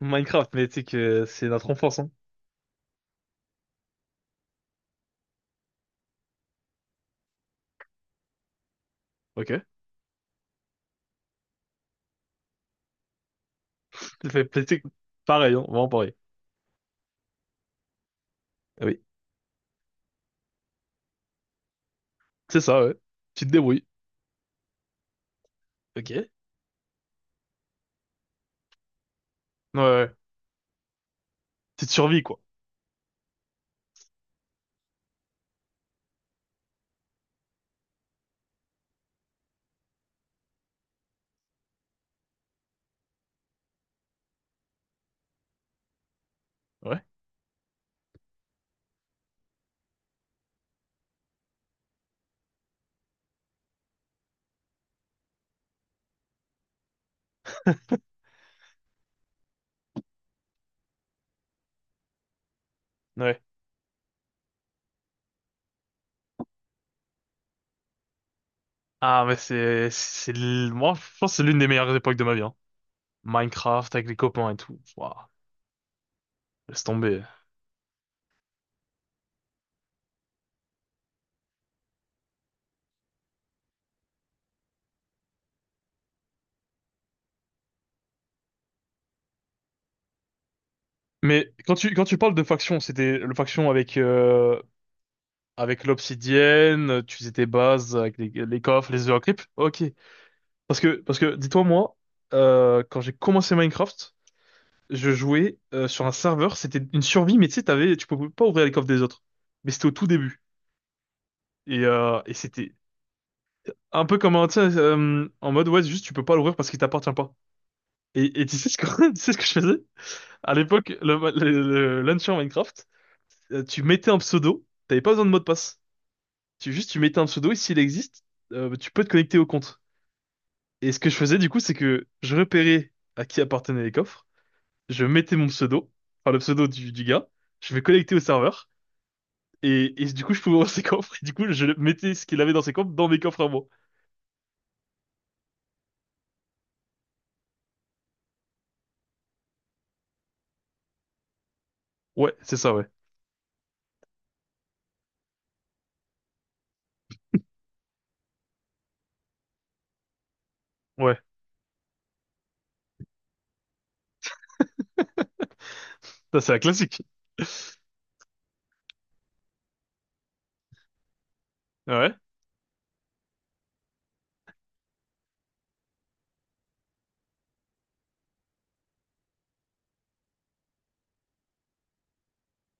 Minecraft, mais tu sais que c'est notre enfance, hein. Ok. Fait, pareil, hein, vraiment pareil. Ah oui, c'est ça, ouais. Tu te débrouilles. Ok. Ouais, ouais. Tu te survis, quoi. Ouais. Ouais. Ah, mais moi, je pense que c'est l'une des meilleures époques de ma vie, hein. Minecraft avec les copains et tout. Ouah, laisse tomber. Mais quand tu parles de faction, c'était le faction avec l'obsidienne, tu faisais tes bases avec les coffres, les œufs à creep. Ok. Parce que, dis-toi, moi, quand j'ai commencé Minecraft, je jouais sur un serveur, c'était une survie, mais tu sais, tu pouvais pas ouvrir les coffres des autres. Mais c'était au tout début. Et c'était un peu comme un, tu sais, en mode, ouais, juste tu peux pas l'ouvrir parce qu'il t'appartient pas. Et tu sais ce que, tu sais ce que je faisais? À l'époque, le launcher Minecraft, tu mettais un pseudo, t'avais pas besoin de mot de passe. Juste, tu mettais un pseudo et s'il existe, tu peux te connecter au compte. Et ce que je faisais, du coup, c'est que je repérais à qui appartenaient les coffres, je mettais mon pseudo, enfin le pseudo du gars, je vais connecter au serveur. Et du coup, je pouvais ouvrir ses coffres. Et du coup, je mettais ce qu'il avait dans ses coffres dans mes coffres à moi. Ouais, c'est ça, ouais. Ouais. Ça, c'est la classique. Ouais.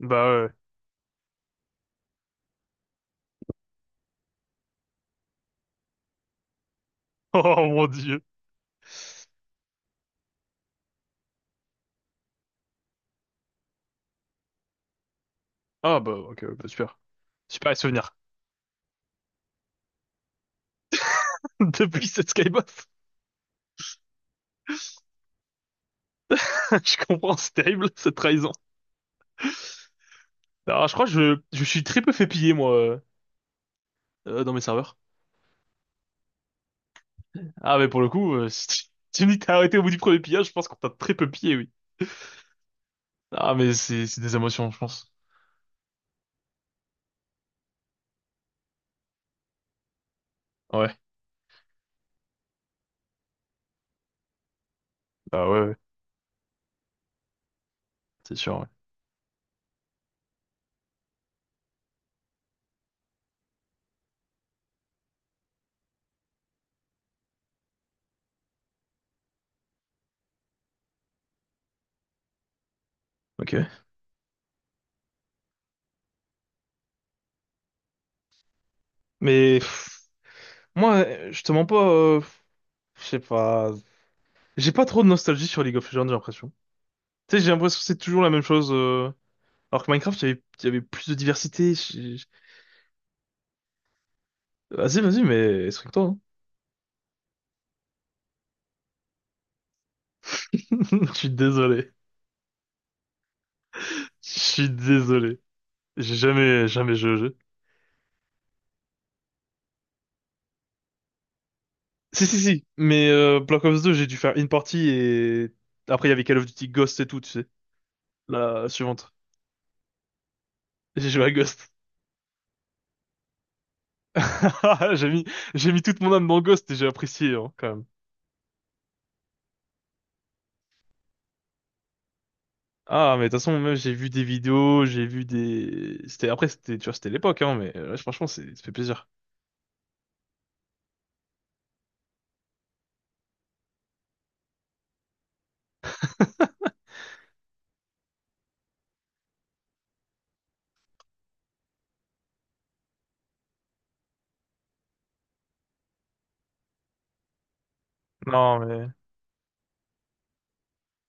Bah ouais. Oh mon Dieu. Ah bah ok, ouais, bah, super. Super souvenir. Depuis cette Skybox. Je comprends, c'est terrible, cette trahison. Alors, je crois que je suis très peu fait piller, moi, dans mes serveurs. Ah mais pour le coup, si tu me dis que t'as arrêté au bout du premier pillage, je pense qu'on t'a très peu pillé, oui. Ah mais c'est des émotions, je pense. Ouais. Bah ouais, ouais. C'est sûr, ouais. Ok. Mais pff, moi, je te mens pas, je sais pas. J'ai pas trop de nostalgie sur League of Legends, j'ai l'impression. Tu sais, j'ai l'impression que c'est toujours la même chose, alors que Minecraft, il y avait plus de diversité. Vas-y, vas-y, mais explique-toi, hein. Je suis désolé. Je suis désolé. J'ai jamais, jamais joué au jeu. Si, si, si. Mais Black Ops 2, j'ai dû faire une partie et après, il y avait Call of Duty Ghost et tout, tu sais. La suivante. J'ai joué à Ghost. J'ai mis, j'ai mis toute mon âme dans Ghost et j'ai apprécié, hein, quand même. Ah, mais de toute façon, même j'ai vu des vidéos, j'ai vu des. C'était après, tu vois, c'était l'époque, hein, mais franchement, ça fait plaisir. Non, mais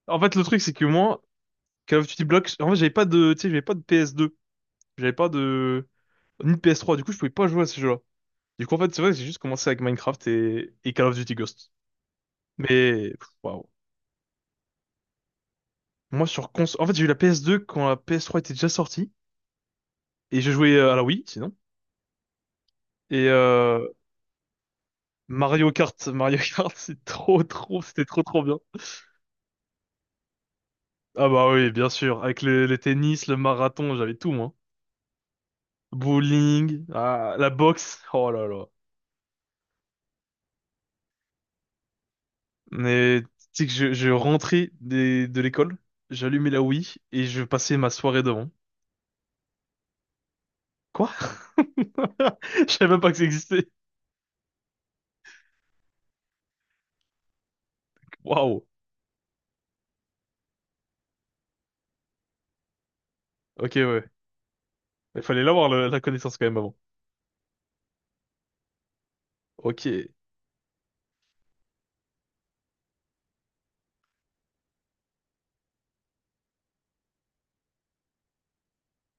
en fait, le truc, c'est que moi, Call of Duty Black, en fait, j'avais pas de, tu sais, j'avais pas de PS2, j'avais pas de ni de PS3, du coup, je pouvais pas jouer à ces jeux-là. Du coup, en fait, c'est vrai, que j'ai juste commencé avec Minecraft et Call of Duty Ghost. Mais pff, waouh, en fait, j'ai eu la PS2 quand la PS3 était déjà sortie et je jouais à la Wii, sinon. Et Mario Kart, Mario Kart, c'était trop, trop bien. Ah bah oui, bien sûr. Avec le tennis, le marathon, j'avais tout, moi. Bowling, ah, la boxe. Oh là là. Mais tu sais que je rentrais de l'école, j'allumais la Wii et je passais ma soirée devant. Quoi? Je savais même pas que ça existait. Waouh. Ok, ouais. Il fallait l'avoir, la connaissance quand même avant. Ok.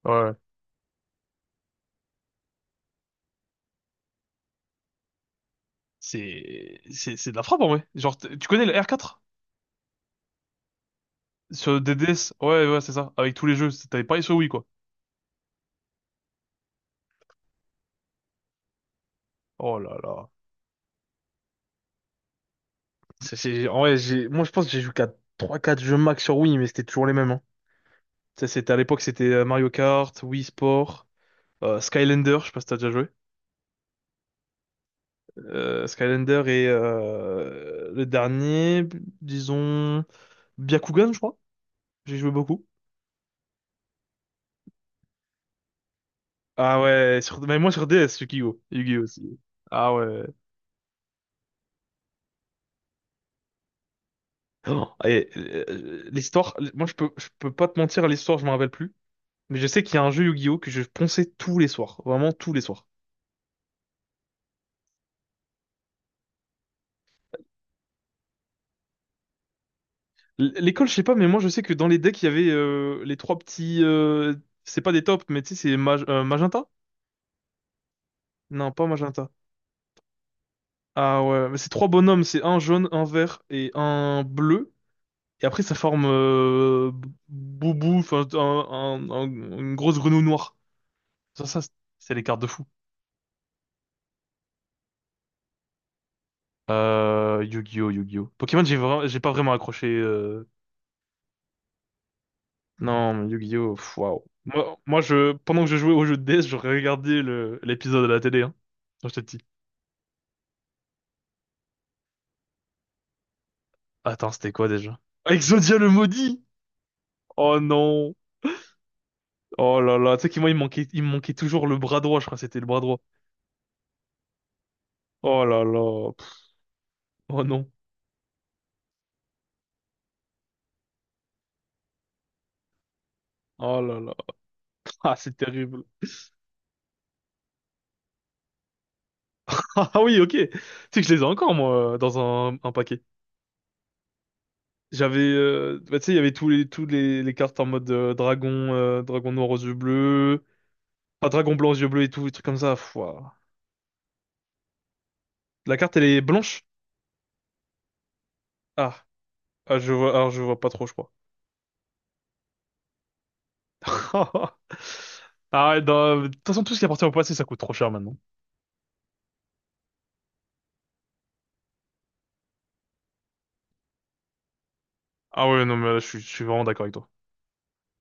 Ouais. C'est de la frappe en vrai. Genre, tu connais le R4? Sur DDS? Ouais, ouais, c'est ça. Avec tous les jeux, t'avais pas sur Wii, quoi. Oh là là. En vrai, moi, je pense que j'ai joué qu'à trois quatre jeux max sur Wii, mais c'était toujours les mêmes, hein. Ça, c'était à l'époque, c'était Mario Kart, Wii Sport, Skylander, je sais pas si t'as déjà joué. Skylander et le dernier, disons, Byakugan, je crois. J'ai joué beaucoup. Ah ouais, mais moi sur DS, Yu-Gi-Oh! Yu-Gi-Oh! Aussi. Ah ouais. Oh, et, l'histoire, moi, je peux pas te mentir, l'histoire, je m'en rappelle plus. Mais je sais qu'il y a un jeu Yu-Gi-Oh! Que je ponçais tous les soirs. Vraiment tous les soirs. L'école, je sais pas, mais moi je sais que dans les decks, il y avait les trois petits, c'est pas des tops, mais tu sais, magenta? Non, pas magenta. Ah ouais, mais c'est trois bonhommes, c'est un jaune, un vert et un bleu. Et après, ça forme Boubou, enfin, une grosse grenouille noire. Ça, c'est les cartes de fou. Yu-Gi-Oh, Yu-Gi-Oh. Pokémon, j'ai pas vraiment accroché, non, mais Yu-Gi-Oh, pff, waouh. Moi, pendant que je jouais au jeu de DS, je regardais l'épisode à la télé, hein, quand j'étais petit. Attends, c'était quoi déjà? Ah, Exodia le maudit! Oh non! Oh là là, tu sais que moi il me manquait toujours le bras droit, je crois que c'était le bras droit. Oh là là, pff, oh non, oh là là, ah c'est terrible. Ah oui, ok, tu sais que je les ai encore moi dans un paquet. J'avais, bah, tu sais il y avait les cartes en mode dragon noir aux yeux bleus, pas dragon blanc aux yeux bleus et tout, des trucs comme ça. Pff, ouah. La carte elle est blanche? Ah, ah, je vois, alors je vois pas trop je crois. Arrête, non, de toute façon, tout ce qui appartient au passé, ça coûte trop cher maintenant. Ah ouais, non, mais là, je suis vraiment d'accord avec toi.